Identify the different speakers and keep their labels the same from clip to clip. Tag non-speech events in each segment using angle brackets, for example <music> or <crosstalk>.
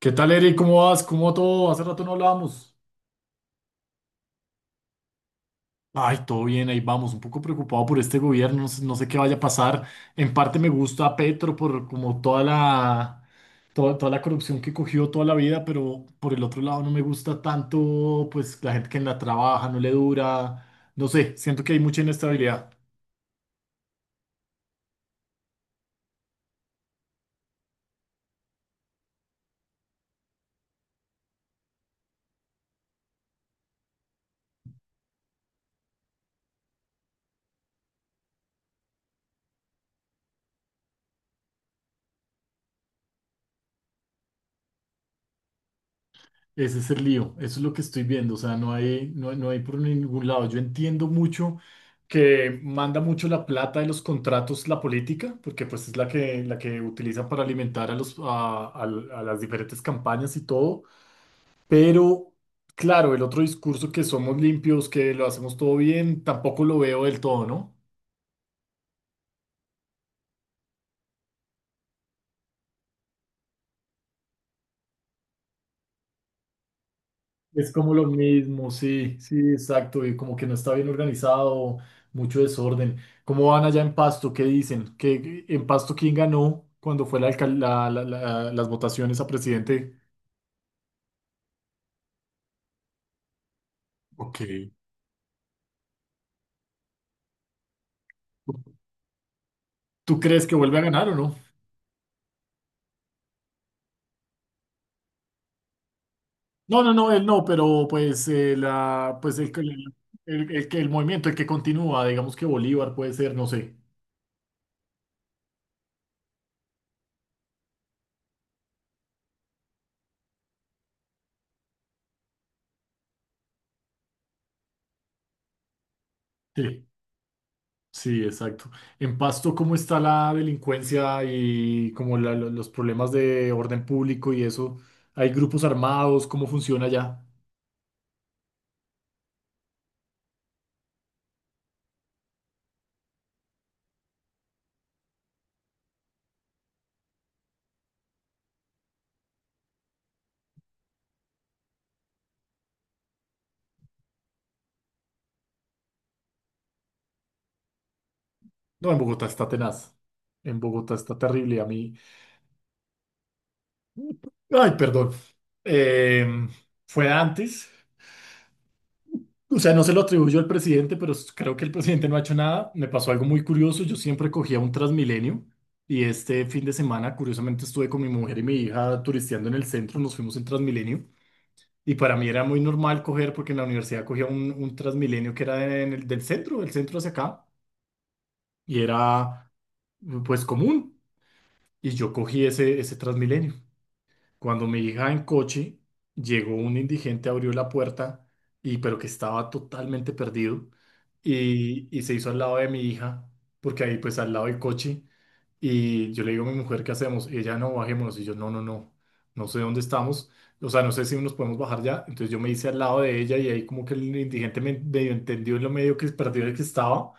Speaker 1: ¿Qué tal, Eric? ¿Cómo vas? ¿Cómo todo? Hace rato no hablábamos. Ay, todo bien, ahí vamos. Un poco preocupado por este gobierno, no sé qué vaya a pasar. En parte me gusta a Petro por como toda la, toda la corrupción que cogió toda la vida, pero por el otro lado no me gusta tanto, pues la gente que en la trabaja no le dura. No sé, siento que hay mucha inestabilidad. Ese es el lío, eso es lo que estoy viendo, o sea, no hay por ningún lado. Yo entiendo mucho que manda mucho la plata de los contratos la política, porque pues es la que utilizan para alimentar a los, a las diferentes campañas y todo. Pero, claro, el otro discurso que somos limpios, que lo hacemos todo bien, tampoco lo veo del todo, ¿no? Es como lo mismo, sí, sí, exacto, y como que no está bien organizado, mucho desorden. ¿Cómo van allá en Pasto? ¿Qué dicen? ¿Qué, en Pasto quién ganó cuando fue la, alcal- la- la- la- las votaciones a presidente? Ok. ¿Tú crees que vuelve a ganar o no? No, no, no, él no, pero pues, la, pues el, que- el, el movimiento, el que continúa, digamos que Bolívar puede ser, no sé. Sí. Sí, exacto. En Pasto, ¿cómo está la delincuencia y como los problemas de orden público y eso? ¿Hay grupos armados? ¿Cómo funciona allá? No, en Bogotá está tenaz. En Bogotá está terrible. A mí, ay, perdón. Em, Fue antes. O sea, no se lo atribuyo al presidente, pero creo que el presidente no ha hecho nada. Me pasó algo muy curioso. Yo siempre cogía un Transmilenio y este fin de semana, curiosamente, estuve con mi mujer y mi hija turisteando en el centro. Nos fuimos en Transmilenio. Y para mí era muy normal coger, porque en la universidad cogía un Transmilenio que era del centro, del centro hacia acá, y era pues común. Y yo cogí ese Transmilenio. Cuando mi hija en coche, llegó un indigente, abrió la puerta y pero que estaba totalmente perdido y se hizo al lado de mi hija, porque ahí pues al lado del coche, y yo le digo a mi mujer, ¿qué hacemos? Ella, no, bajémonos, y yo, no, no, no, no sé dónde estamos, o sea, no sé si nos podemos bajar ya. Entonces yo me hice al lado de ella y ahí como que el indigente me medio entendió en lo medio que perdido que estaba,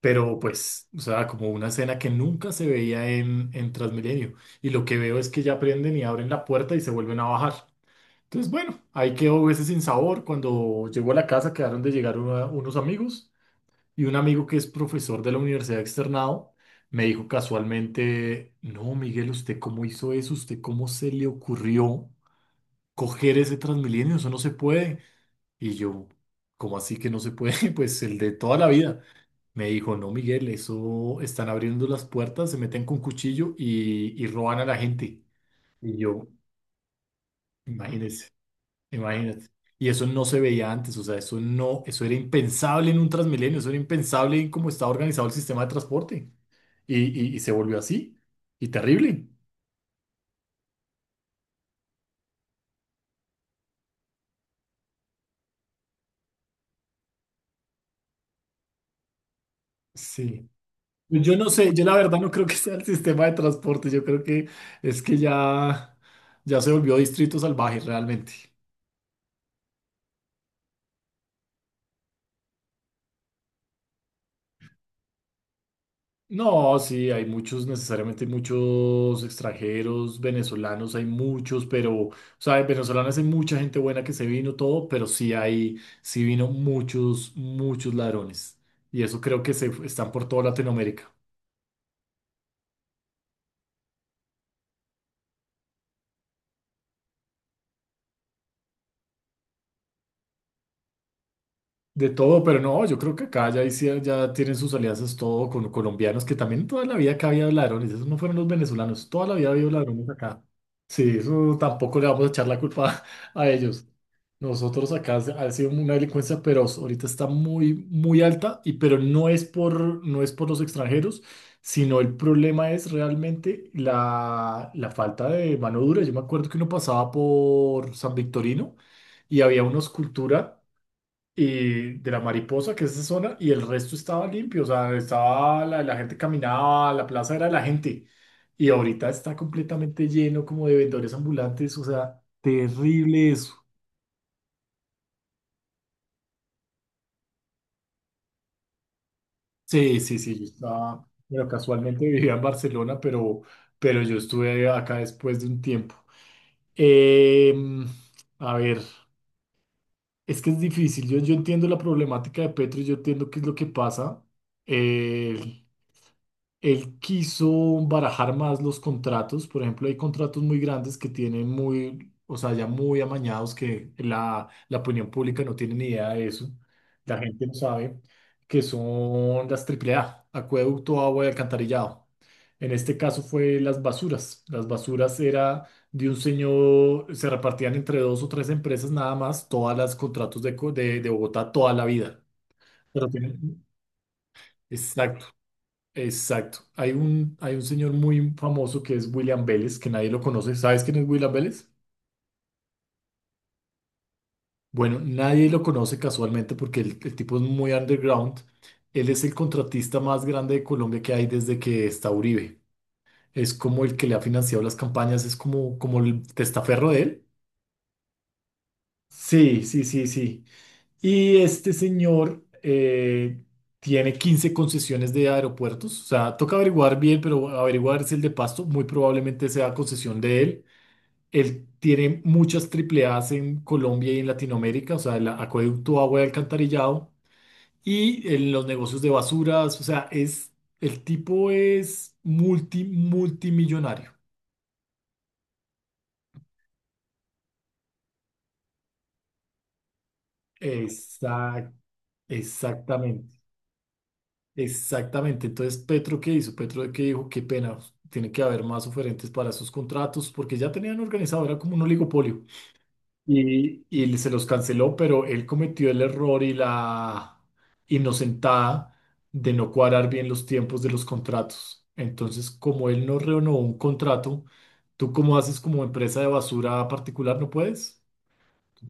Speaker 1: pero pues, o sea, como una escena que nunca se veía en Transmilenio. Y lo que veo es que ya prenden y abren la puerta y se vuelven a bajar. Entonces, bueno, ahí quedó ese sin sabor. Cuando llegó a la casa, quedaron de llegar unos amigos, y un amigo que es profesor de la universidad Externado me dijo casualmente, no, Miguel, ¿usted cómo hizo eso? ¿Usted cómo se le ocurrió coger ese Transmilenio? Eso no se puede. Y yo, ¿cómo así que no se puede? <laughs> Pues el de toda la vida. Me dijo, no, Miguel, eso están abriendo las puertas, se meten con cuchillo y roban a la gente. Y yo, imagínese, imagínate. Y eso no se veía antes, o sea, eso no, eso era impensable en un Transmilenio, eso era impensable en cómo estaba organizado el sistema de transporte. Y se volvió así, y terrible. Sí. Yo no sé, yo la verdad no creo que sea el sistema de transporte, yo creo que es que ya, ya se volvió distrito salvaje realmente. No, sí, hay muchos, necesariamente hay muchos extranjeros, venezolanos, hay muchos, pero, o sea, en venezolanos hay mucha gente buena que se vino todo, pero sí hay, sí vino muchos, muchos ladrones. Y eso creo que se están por toda Latinoamérica. De todo, pero no, yo creo que acá ya tienen sus alianzas todo con colombianos, que también toda la vida acá había ladrones, esos no fueron los venezolanos, toda la vida había ladrones acá. Sí, eso tampoco le vamos a echar la culpa <laughs> a ellos. Nosotros acá ha sido una delincuencia feroz, ahorita está muy, muy alta, pero no es por, no es por los extranjeros, sino el problema es realmente la falta de mano dura. Yo me acuerdo que uno pasaba por San Victorino y había una escultura y de la Mariposa, que es esa zona, y el resto estaba limpio, o sea, estaba la gente caminaba, la plaza era de la gente, y ahorita está completamente lleno como de vendedores ambulantes, o sea, terrible eso. Sí, sí, sí, yo estaba, bueno, casualmente vivía en Barcelona, pero yo estuve acá después de un tiempo. Em, a ver, es que es difícil. Yo entiendo la problemática de Petro, yo entiendo qué es lo que pasa. Eh, Él quiso barajar más los contratos. Por ejemplo, hay contratos muy grandes que tienen muy, o sea, ya muy amañados, que la opinión pública no tiene ni idea de eso. La gente no sabe que son las AAA, acueducto, agua y alcantarillado. En este caso fue las basuras. Las basuras era de un señor, se repartían entre dos o tres empresas nada más, todas las contratos de Bogotá toda la vida. Pero tienen- exacto. Exacto. Hay un señor muy famoso que es William Vélez, que nadie lo conoce. ¿Sabes quién es William Vélez? Bueno, nadie lo conoce casualmente porque el tipo es muy underground. Él es el contratista más grande de Colombia que hay desde que está Uribe. Es como el que le ha financiado las campañas, es como el testaferro de él. Sí, sí, sí, sí. Y este señor tiene 15 concesiones de aeropuertos. O sea, toca averiguar bien, pero averiguar es el de Pasto. Muy probablemente sea concesión de él. Él tiene muchas triple A's en Colombia y en Latinoamérica, o sea, el acueducto, agua y alcantarillado, y en los negocios de basuras, o sea, el tipo es multimillonario. Exact, exactamente, exactamente. Entonces, Petro, ¿qué hizo? Petro, ¿qué dijo? Qué pena, tiene que haber más oferentes para esos contratos, porque ya tenían organizado, era como un oligopolio. Y se los canceló, pero él cometió el error y la inocentada de no cuadrar bien los tiempos de los contratos. Entonces, como él no renovó un contrato, ¿tú cómo haces como empresa de basura particular? ¿No puedes?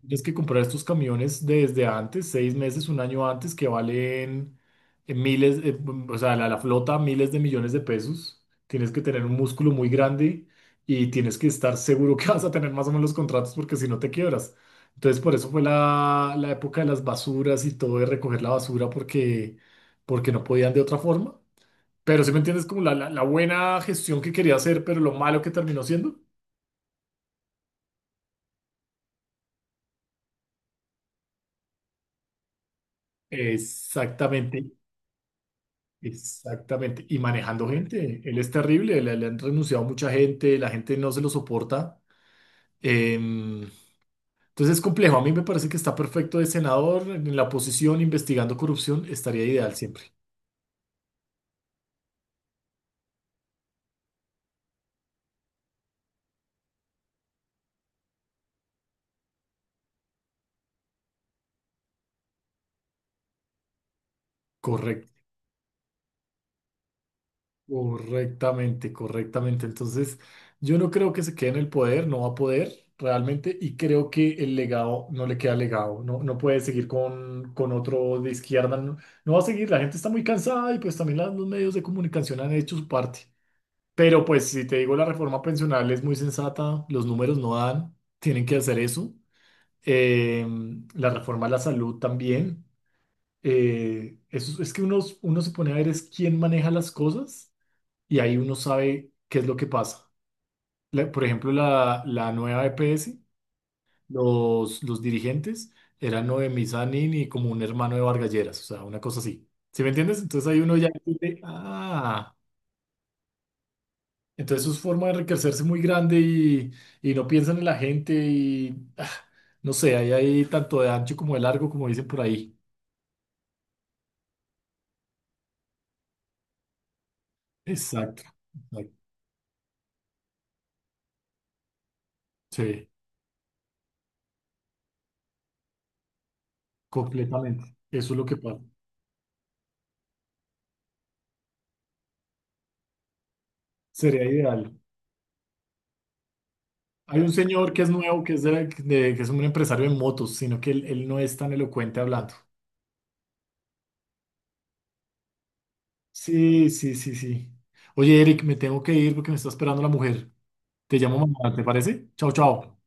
Speaker 1: Tienes que comprar estos camiones desde antes, 6 meses, un año antes, que valen miles, o sea, la flota, miles de millones de pesos. Tienes que tener un músculo muy grande y tienes que estar seguro que <laughs> vas a tener más o menos los contratos, porque si no te quiebras. Entonces, por eso fue la época de las basuras y todo, de recoger la basura, porque, porque no podían de otra forma. Pero si me entiendes, como la buena gestión que quería hacer, pero lo malo que terminó siendo. Exactamente. Exactamente. Y manejando gente. Él es terrible. Le han renunciado mucha gente. La gente no se lo soporta. Em, entonces es complejo. A mí me parece que está perfecto de senador en la oposición investigando corrupción. Estaría ideal siempre. Correcto. Correctamente, correctamente. Entonces, yo no creo que se quede en el poder. No va a poder realmente. Y creo que el legado no le queda legado. No, no puede seguir con otro de izquierda. No, no va a seguir. La gente está muy cansada y pues también los medios de comunicación han hecho su parte. Pero pues si te digo, la reforma pensional es muy sensata, los números no dan, tienen que hacer eso. Eh, la reforma a la salud también. Eso, es que uno se pone a ver es quién maneja las cosas y ahí uno sabe qué es lo que pasa. Por ejemplo, la nueva EPS, los dirigentes eran Noemí Sanín y como un hermano de Vargas Lleras, o sea, una cosa así. ¿Sí me entiendes? Entonces ahí uno ya dice, ah. Entonces es forma de enriquecerse muy grande y no piensan en la gente y no sé, ahí hay tanto de ancho como de largo, como dicen por ahí. Exacto, exacto. Sí, completamente. Eso es lo que pasa. Sería ideal. Hay un señor que es nuevo, que es un empresario en motos, sino que él no es tan elocuente hablando. Sí, sí, sí, sí. Oye, Eric, me tengo que ir porque me está esperando la mujer. Te llamo mañana, ¿te parece? Chao, chao.